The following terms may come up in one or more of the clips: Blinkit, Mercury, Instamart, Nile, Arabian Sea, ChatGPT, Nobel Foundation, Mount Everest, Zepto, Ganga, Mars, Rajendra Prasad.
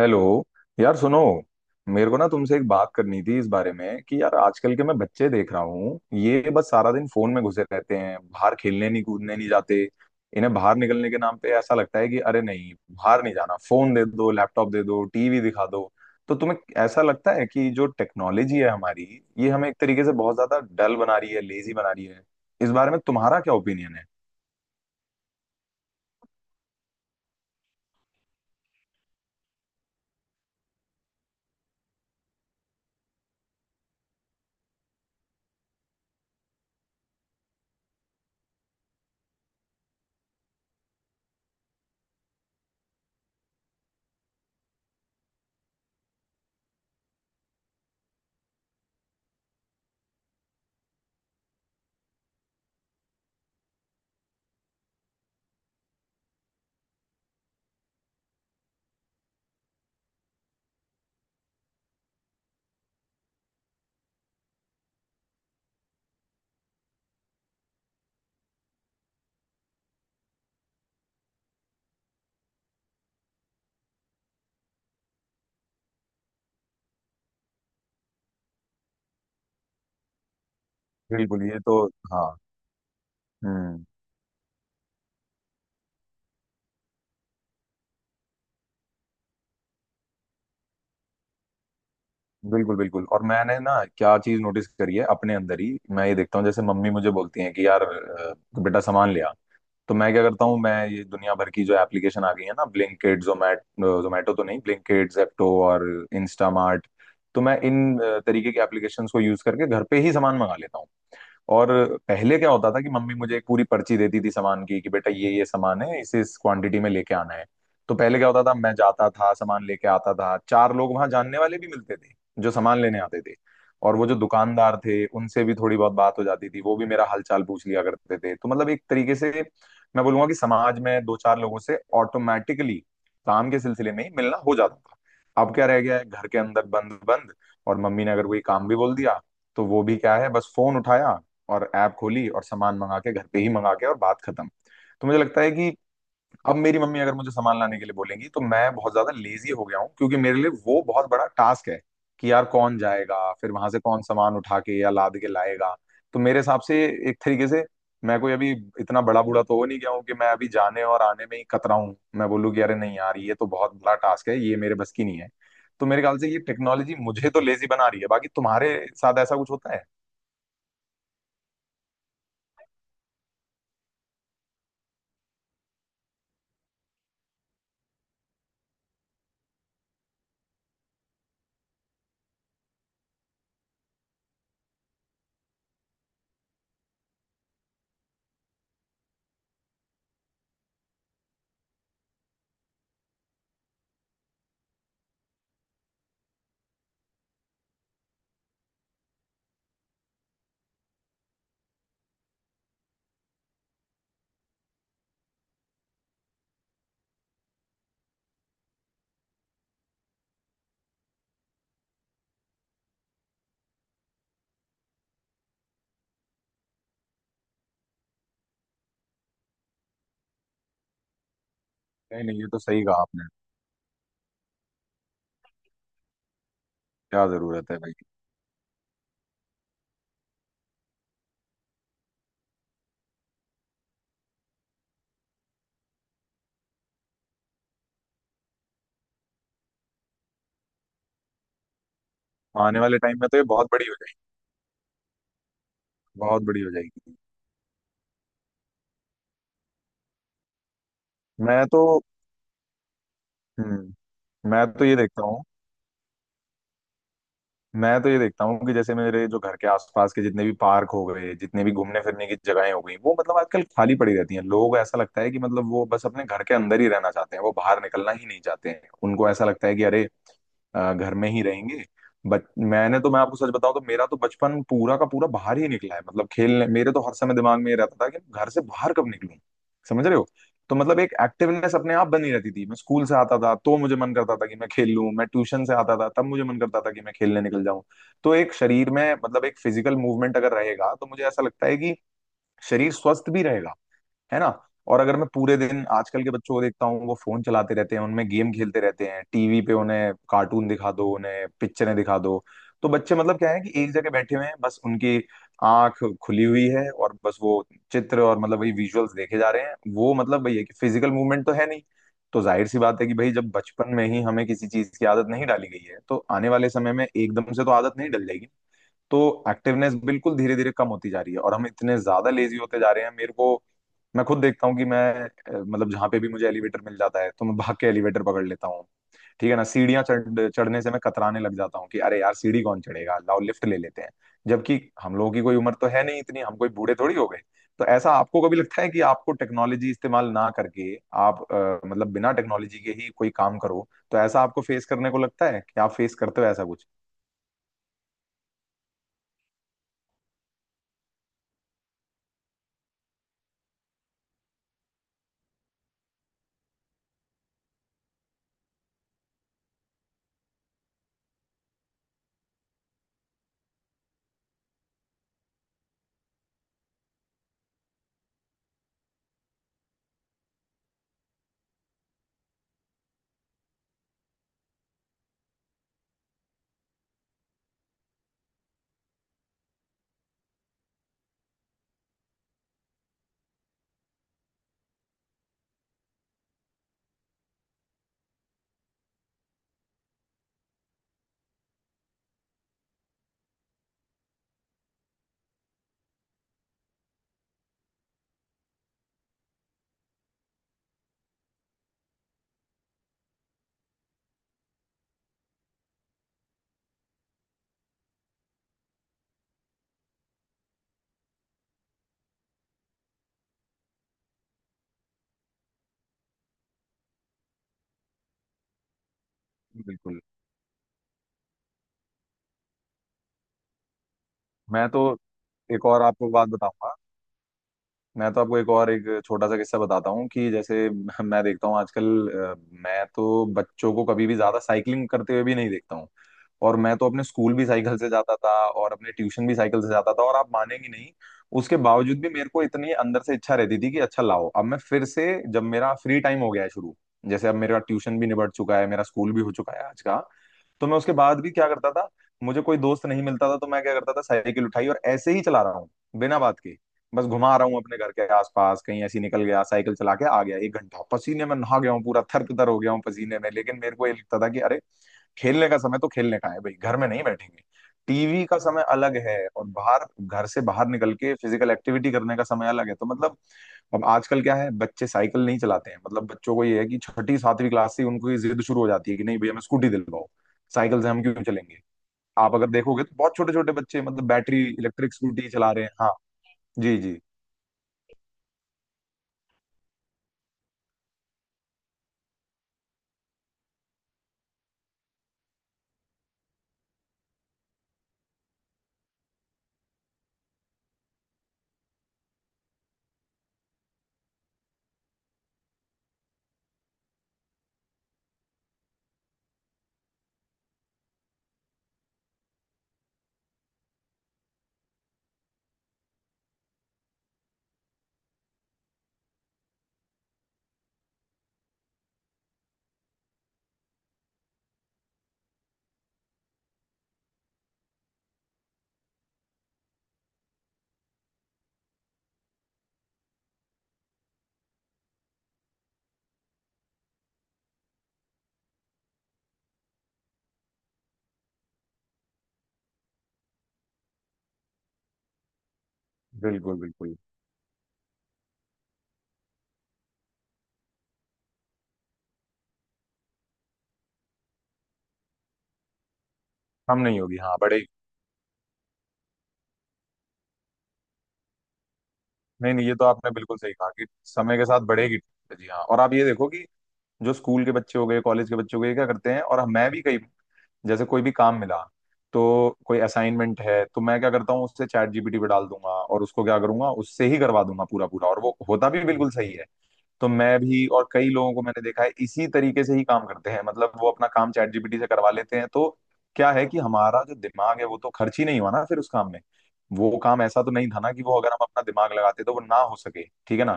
Hello. यार सुनो, मेरे को ना तुमसे एक बात करनी थी इस बारे में कि यार आजकल के मैं बच्चे देख रहा हूँ, ये बस सारा दिन फोन में घुसे रहते हैं। बाहर खेलने नहीं, कूदने नहीं जाते। इन्हें बाहर निकलने के नाम पे ऐसा लगता है कि अरे नहीं, बाहर नहीं जाना, फोन दे दो, लैपटॉप दे दो, टीवी दिखा दो। तो तुम्हें ऐसा लगता है कि जो टेक्नोलॉजी है हमारी, ये हमें एक तरीके से बहुत ज्यादा डल बना रही है, लेजी बना रही है। इस बारे में तुम्हारा क्या ओपिनियन है? बिल्कुल, ये तो। हाँ। हम्म। बिल्कुल बिल्कुल। और मैंने ना क्या चीज नोटिस करी है अपने अंदर ही, मैं ये देखता हूँ जैसे मम्मी मुझे बोलती हैं कि यार बेटा सामान ले आ। तो मैं क्या करता हूँ, मैं ये दुनिया भर की जो एप्लीकेशन आ गई है ना, ब्लिंकिट, जोमैट, जोमैटो तो नहीं, ब्लिंकिट, जेप्टो और इंस्टामार्ट, तो मैं इन तरीके के एप्लीकेशंस को यूज करके घर पे ही सामान मंगा लेता हूँ। और पहले क्या होता था कि मम्मी मुझे एक पूरी पर्ची देती थी सामान की, कि बेटा ये सामान है, इसे इस क्वांटिटी में लेके आना है। तो पहले क्या होता था, मैं जाता था, सामान लेके आता था, चार लोग वहां जानने वाले भी मिलते थे जो सामान लेने आते थे। और वो जो दुकानदार थे उनसे भी थोड़ी बहुत बात हो जाती थी, वो भी मेरा हालचाल पूछ लिया करते थे। तो मतलब एक तरीके से मैं बोलूंगा कि समाज में दो चार लोगों से ऑटोमेटिकली काम के सिलसिले में ही मिलना हो जाता था। अब क्या रह गया है, घर के अंदर बंद बंद। और मम्मी ने अगर कोई काम भी बोल दिया, तो वो भी क्या है, बस फोन उठाया और ऐप खोली और सामान मंगा के घर पे ही मंगा के, और बात खत्म। तो मुझे लगता है कि अब मेरी मम्मी अगर मुझे सामान लाने के लिए बोलेंगी, तो मैं बहुत ज्यादा लेजी हो गया हूँ क्योंकि मेरे लिए वो बहुत बड़ा टास्क है कि यार कौन जाएगा फिर वहां से, कौन सामान उठा के या लाद के लाएगा। तो मेरे हिसाब से एक तरीके से मैं कोई अभी इतना बड़ा बूढ़ा तो हो नहीं गया हूँ कि मैं अभी जाने और आने में ही कतराऊं, मैं बोलूँ कि अरे नहीं यार, ये तो बहुत बड़ा टास्क है, ये मेरे बस की नहीं है। तो मेरे ख्याल से ये टेक्नोलॉजी मुझे तो लेजी बना रही है, बाकी तुम्हारे साथ ऐसा कुछ होता है? नहीं नहीं, ये तो सही कहा आपने। क्या जरूरत है भाई। आने वाले टाइम में तो ये बहुत बड़ी हो जाएगी। बहुत बड़ी हो जाएगी। मैं तो। हम्म। मैं तो ये देखता हूँ, मैं तो ये देखता हूँ कि जैसे मेरे जो घर के आसपास के जितने भी पार्क हो गए, जितने भी घूमने फिरने की जगहें हो गई, वो मतलब आजकल खाली पड़ी रहती हैं। लोग ऐसा लगता है कि मतलब वो बस अपने घर के अंदर ही रहना चाहते हैं, वो बाहर निकलना ही नहीं चाहते हैं। उनको ऐसा लगता है कि अरे घर में ही रहेंगे। बट मैंने तो, मैं आपको सच बताऊं तो, मेरा तो बचपन पूरा का पूरा बाहर ही निकला है, मतलब खेलने। मेरे तो हर समय दिमाग में ये रहता था कि घर से बाहर कब निकलूं, समझ रहे हो? तो मतलब एक एक्टिवनेस अपने आप बनी रहती थी। मैं स्कूल से आता था तो मुझे मन करता था कि मैं खेल लूं, मैं ट्यूशन से आता था तब मुझे मन करता था कि मैं खेलने निकल जाऊं। तो एक शरीर में मतलब एक फिजिकल मूवमेंट अगर रहेगा तो मुझे ऐसा लगता है कि शरीर स्वस्थ भी रहेगा, है ना। और अगर मैं पूरे दिन आजकल के बच्चों को देखता हूँ, वो फोन चलाते रहते हैं, उनमें गेम खेलते रहते हैं, टीवी पे उन्हें कार्टून दिखा दो, उन्हें पिक्चरें दिखा दो, तो बच्चे मतलब क्या है कि एक जगह बैठे हुए हैं, बस उनकी आंख खुली हुई है और बस वो चित्र और मतलब वही विजुअल्स देखे जा रहे हैं। वो मतलब वही है कि फिजिकल मूवमेंट तो है नहीं। तो जाहिर सी बात है कि भाई जब बचपन में ही हमें किसी चीज की आदत नहीं डाली गई है, तो आने वाले समय में एकदम से तो आदत नहीं डल जाएगी ना। तो एक्टिवनेस बिल्कुल धीरे धीरे कम होती जा रही है और हम इतने ज्यादा लेजी होते जा रहे हैं। मेरे को, मैं खुद देखता हूँ कि मैं मतलब जहां पे भी मुझे एलिवेटर मिल जाता है तो मैं भाग के एलिवेटर पकड़ लेता हूँ, ठीक है ना। सीढ़ियां चढ़ने से मैं कतराने लग जाता हूँ कि अरे यार सीढ़ी कौन चढ़ेगा, लाओ लिफ्ट ले लेते हैं। जबकि हम लोगों की कोई उम्र तो है नहीं इतनी, हम कोई बूढ़े थोड़ी हो गए। तो ऐसा आपको कभी लगता है कि आपको टेक्नोलॉजी इस्तेमाल ना करके, आप मतलब बिना टेक्नोलॉजी के ही कोई काम करो, तो ऐसा आपको फेस करने को लगता है कि आप फेस करते हो ऐसा कुछ? बिल्कुल। मैं तो एक और आपको बात बताऊंगा, मैं तो आपको एक और एक छोटा सा किस्सा बताता हूँ कि जैसे मैं देखता हूँ आजकल अ, मैं तो बच्चों को कभी भी ज्यादा साइकिलिंग करते हुए भी नहीं देखता हूँ। और मैं तो अपने स्कूल भी साइकिल से जाता था और अपने ट्यूशन भी साइकिल से जाता था, और आप मानेंगे नहीं, उसके बावजूद भी मेरे को इतनी अंदर से इच्छा रहती थी कि अच्छा लाओ, अब मैं फिर से, जब मेरा फ्री टाइम हो गया है शुरू, जैसे अब मेरा ट्यूशन भी निबट चुका है, मेरा स्कूल भी हो चुका है आज का, तो मैं उसके बाद भी क्या करता था, मुझे कोई दोस्त नहीं मिलता था तो मैं क्या करता था, साइकिल उठाई और ऐसे ही चला रहा हूँ, बिना बात के, बस घुमा रहा हूँ अपने घर के आसपास, कहीं ऐसी निकल गया, साइकिल चला के आ गया, एक घंटा पसीने में नहा गया हूँ पूरा, थर तर हो गया हूँ पसीने में, लेकिन मेरे को ये लगता था कि अरे खेलने का समय तो खेलने का है भाई, घर में नहीं बैठेंगे। टीवी का समय अलग है और बाहर, घर से बाहर निकल के फिजिकल एक्टिविटी करने का समय अलग है, तो मतलब। अब आजकल क्या है, बच्चे साइकिल नहीं चलाते हैं, मतलब बच्चों को ये है कि छठी सातवीं क्लास से ही उनको ये जिद शुरू हो जाती है कि नहीं भैया हमें स्कूटी दिलवाओ, साइकिल से हम क्यों चलेंगे। आप अगर देखोगे तो बहुत छोटे छोटे बच्चे मतलब बैटरी इलेक्ट्रिक स्कूटी चला रहे हैं। हाँ। जी जी। बिल्कुल बिल्कुल। कम नहीं होगी, हाँ बढ़ेगी। नहीं नहीं, ये तो आपने बिल्कुल सही कहा कि समय के साथ बढ़ेगी टेक्नोलॉजी, हाँ। और आप ये देखो कि जो स्कूल के बच्चे हो गए, कॉलेज के बच्चे हो गए, ये क्या करते हैं, और मैं भी, कई जैसे कोई भी काम मिला तो, कोई असाइनमेंट है तो मैं क्या करता हूँ, उससे चैट GPT पे डाल दूंगा और उसको क्या करूंगा, उससे ही करवा दूंगा पूरा पूरा, और वो होता भी बिल्कुल सही है। तो मैं भी और कई लोगों को मैंने देखा है इसी तरीके से ही काम करते हैं, मतलब वो अपना काम चैट GPT से करवा लेते हैं। तो क्या है कि हमारा जो दिमाग है वो तो खर्च ही नहीं हुआ ना फिर उस काम में। वो काम ऐसा तो नहीं था ना कि वो अगर हम अपना दिमाग लगाते तो वो ना हो सके, ठीक है ना।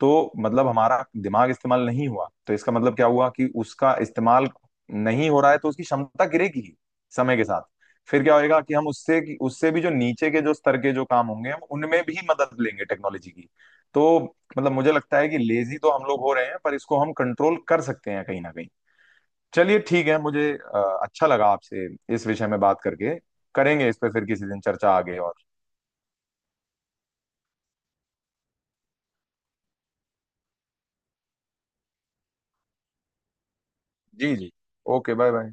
तो मतलब हमारा दिमाग इस्तेमाल नहीं हुआ, तो इसका मतलब क्या हुआ कि उसका इस्तेमाल नहीं हो रहा है, तो उसकी क्षमता गिरेगी ही समय के साथ। फिर क्या होएगा कि हम उससे उससे भी जो नीचे के जो स्तर के जो काम होंगे हम उनमें भी मदद लेंगे टेक्नोलॉजी की। तो मतलब मुझे लगता है कि लेजी तो हम लोग हो रहे हैं पर इसको हम कंट्रोल कर सकते हैं कहीं ना कहीं। चलिए ठीक है, मुझे अच्छा लगा आपसे इस विषय में बात करके। करेंगे इस पे फिर किसी दिन चर्चा आगे और। जी जी, ओके बाय बाय।